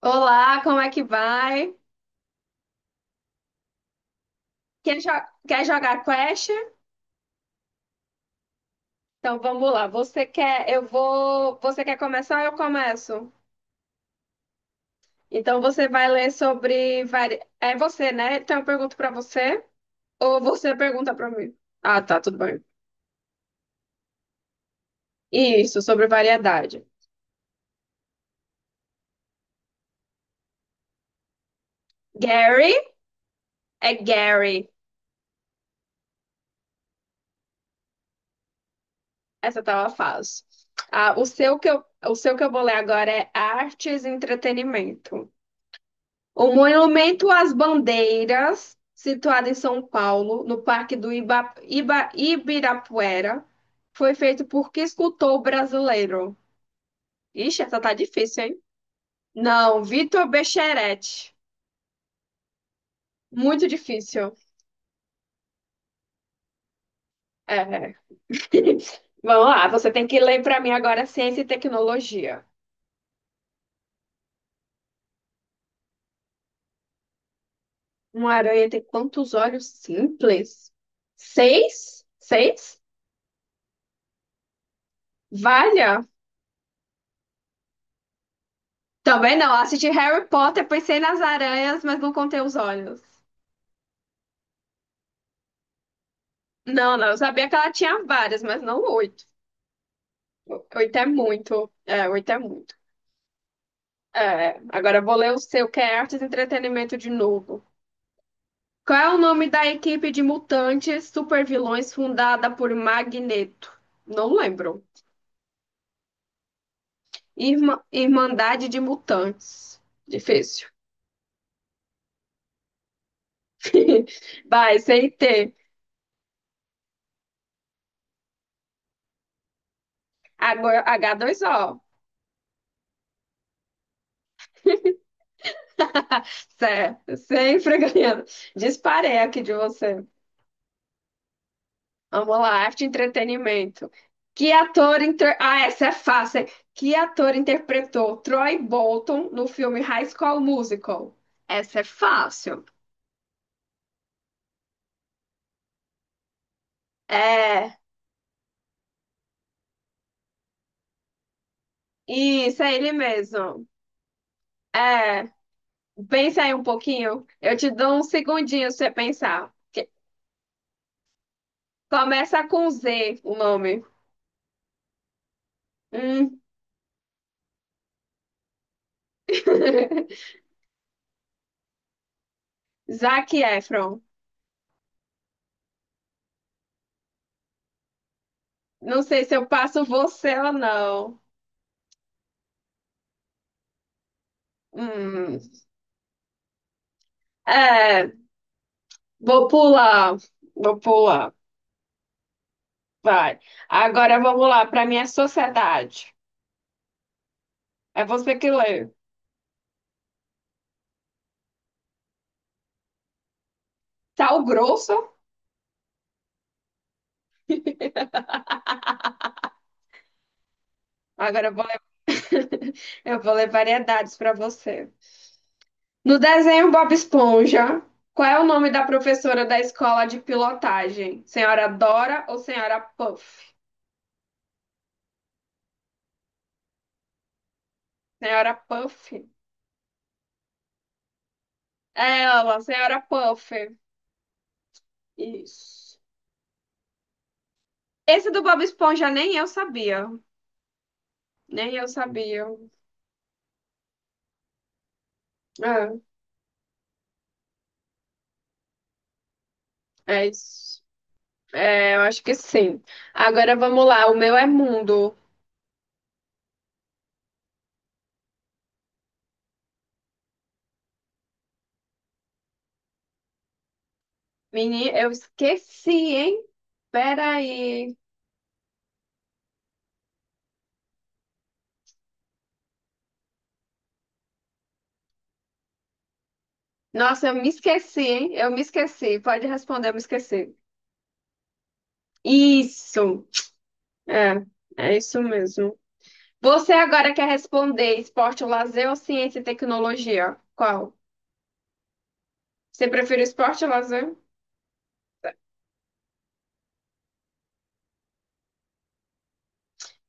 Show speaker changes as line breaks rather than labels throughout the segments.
Olá, como é que vai? Quer jogar Clash? Então vamos lá. Você quer, eu vou. Você quer começar? Eu começo. Então você vai ler sobre. É você, né? Então eu pergunto pra você ou você pergunta pra mim? Ah, tá, tudo bem. Isso, sobre variedade. Gary é Gary. Essa tava fácil. Ah, o seu que eu vou ler agora é artes e entretenimento. O Monumento às Bandeiras, situado em São Paulo, no Parque do Ibirapuera, foi feito por que escultor brasileiro? Ixi, essa tá difícil, hein? Não, Vitor Becheretti. Muito difícil. É. Vamos lá, você tem que ler para mim agora ciência e tecnologia. Uma aranha tem quantos olhos simples? Seis? Seis? Valha! Também não, assisti Harry Potter, pensei nas aranhas, mas não contei os olhos. Não, não, eu sabia que ela tinha várias, mas não oito. Oito é muito. É, oito é muito. É, agora eu vou ler o seu, que é Artes e Entretenimento de novo. Qual é o nome da equipe de mutantes supervilões fundada por Magneto? Não lembro. Irmandade de Mutantes. Difícil. Vai, CT. Agora H2O. Certo, sempre ganhando. Disparei aqui de você. Vamos lá, arte e entretenimento. Ah, essa é fácil, hein? Que ator interpretou Troy Bolton no filme High School Musical? Essa é fácil. É, isso, é ele mesmo. É, pensa aí um pouquinho. Eu te dou um segundinho pra você pensar. Começa com Z o nome. Hum. Zac Efron. Não sei se eu passo você ou não. Hum, é, vou pular, vou pular, vai. Agora vamos lá para minha sociedade. É você que lê. Sal grosso. Agora eu vou ler, eu vou ler variedades para você. No desenho Bob Esponja, qual é o nome da professora da escola de pilotagem? Senhora Dora ou Senhora Puff? Senhora Puff. É ela, Senhora Puff. Isso. Esse do Bob Esponja nem eu sabia. Nem eu sabia. É. É, isso. É, eu acho que sim. Agora vamos lá, o meu é mundo. Menina, eu esqueci, hein? Peraí. Nossa, eu me esqueci, hein? Eu me esqueci. Pode responder, eu me esqueci. Isso. É, é isso mesmo. Você agora quer responder esporte ou lazer ou ciência e tecnologia? Qual? Você prefere esporte ou lazer?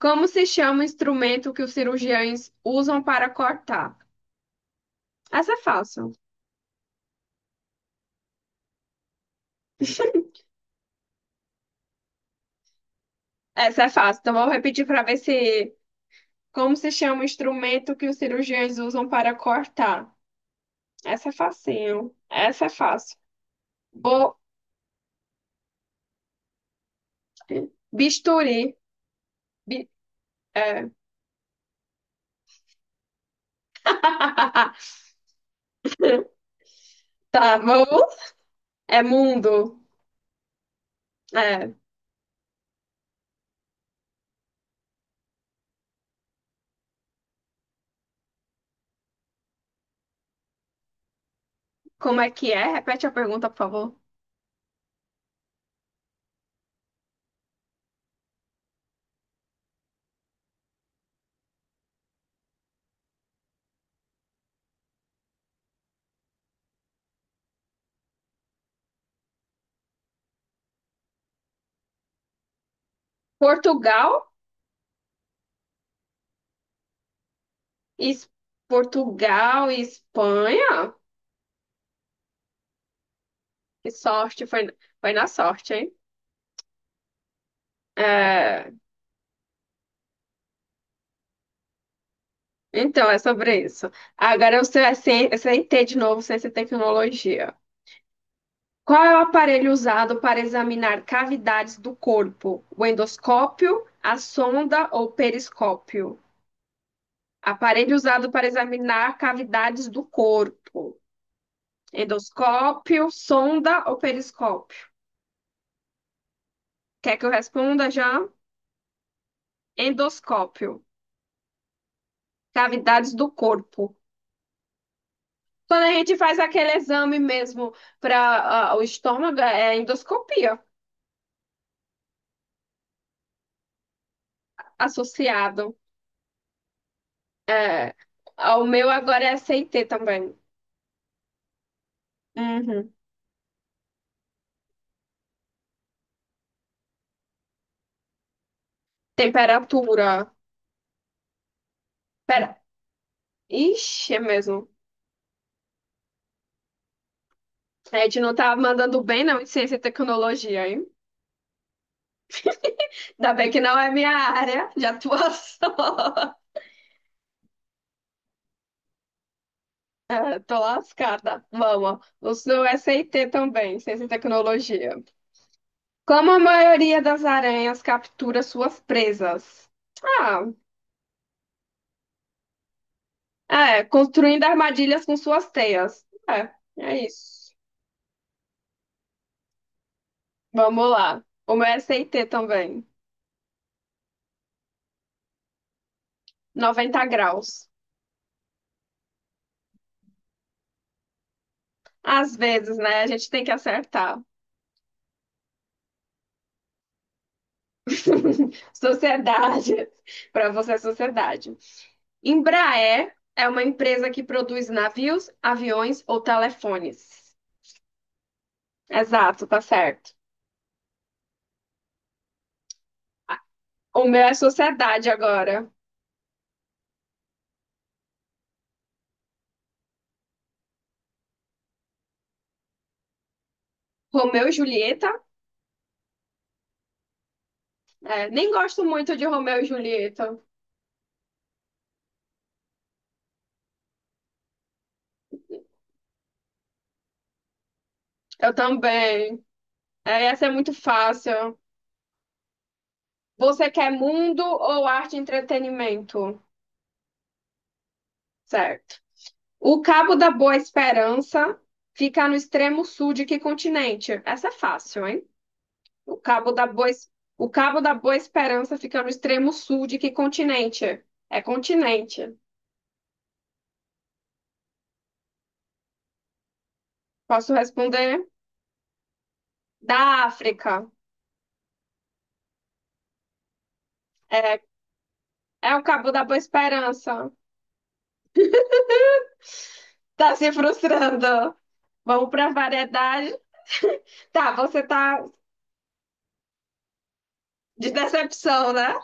Como se chama o instrumento que os cirurgiões usam para cortar? Essa é fácil. Essa é fácil. Então, vou repetir para ver se. Como se chama o instrumento que os cirurgiões usam para cortar? Essa é facinho. Essa é fácil. Bo... Bisturi. Bi- é. Tá bom? É mundo. É. Como é que é? Repete a pergunta, por favor. Portugal? Es... Portugal e Espanha? Que sorte. Foi, foi na sorte, hein? É, então, é sobre isso. Agora eu sei ter de novo ciência e tecnologia. Qual é o aparelho usado para examinar cavidades do corpo? O endoscópio, a sonda ou periscópio? Aparelho usado para examinar cavidades do corpo. Endoscópio, sonda ou periscópio? Quer que eu responda já? Endoscópio, cavidades do corpo. Quando a gente faz aquele exame mesmo para o estômago, é endoscopia associado. É, o meu agora é CT também. Uhum. Temperatura. Pera. Ixi, é mesmo. A gente não tá mandando bem, não, em ciência e tecnologia, hein? Ainda bem que não é minha área de atuação. É, tô lascada. Vamos. O seu SIT também, ciência e tecnologia. Como a maioria das aranhas captura suas presas? Ah, é, construindo armadilhas com suas teias. É, é isso. Vamos lá. O meu SIT também. 90 graus. Às vezes, né? A gente tem que acertar. Sociedade. Para você, é sociedade. Embraer é uma empresa que produz navios, aviões ou telefones. Exato, tá certo. O meu é sociedade agora. Romeu e Julieta. É, nem gosto muito de Romeu e Julieta. Eu também. É, essa é muito fácil. Você quer mundo ou arte e entretenimento? Certo. O Cabo da Boa Esperança fica no extremo sul de que continente? Essa é fácil, hein? O Cabo da Boa, Es- o Cabo da Boa Esperança fica no extremo sul de que continente? É continente. Posso responder? Da África. É, é o Cabo da Boa Esperança. Tá se frustrando. Vamos para variedade. Tá, você tá de decepção, né?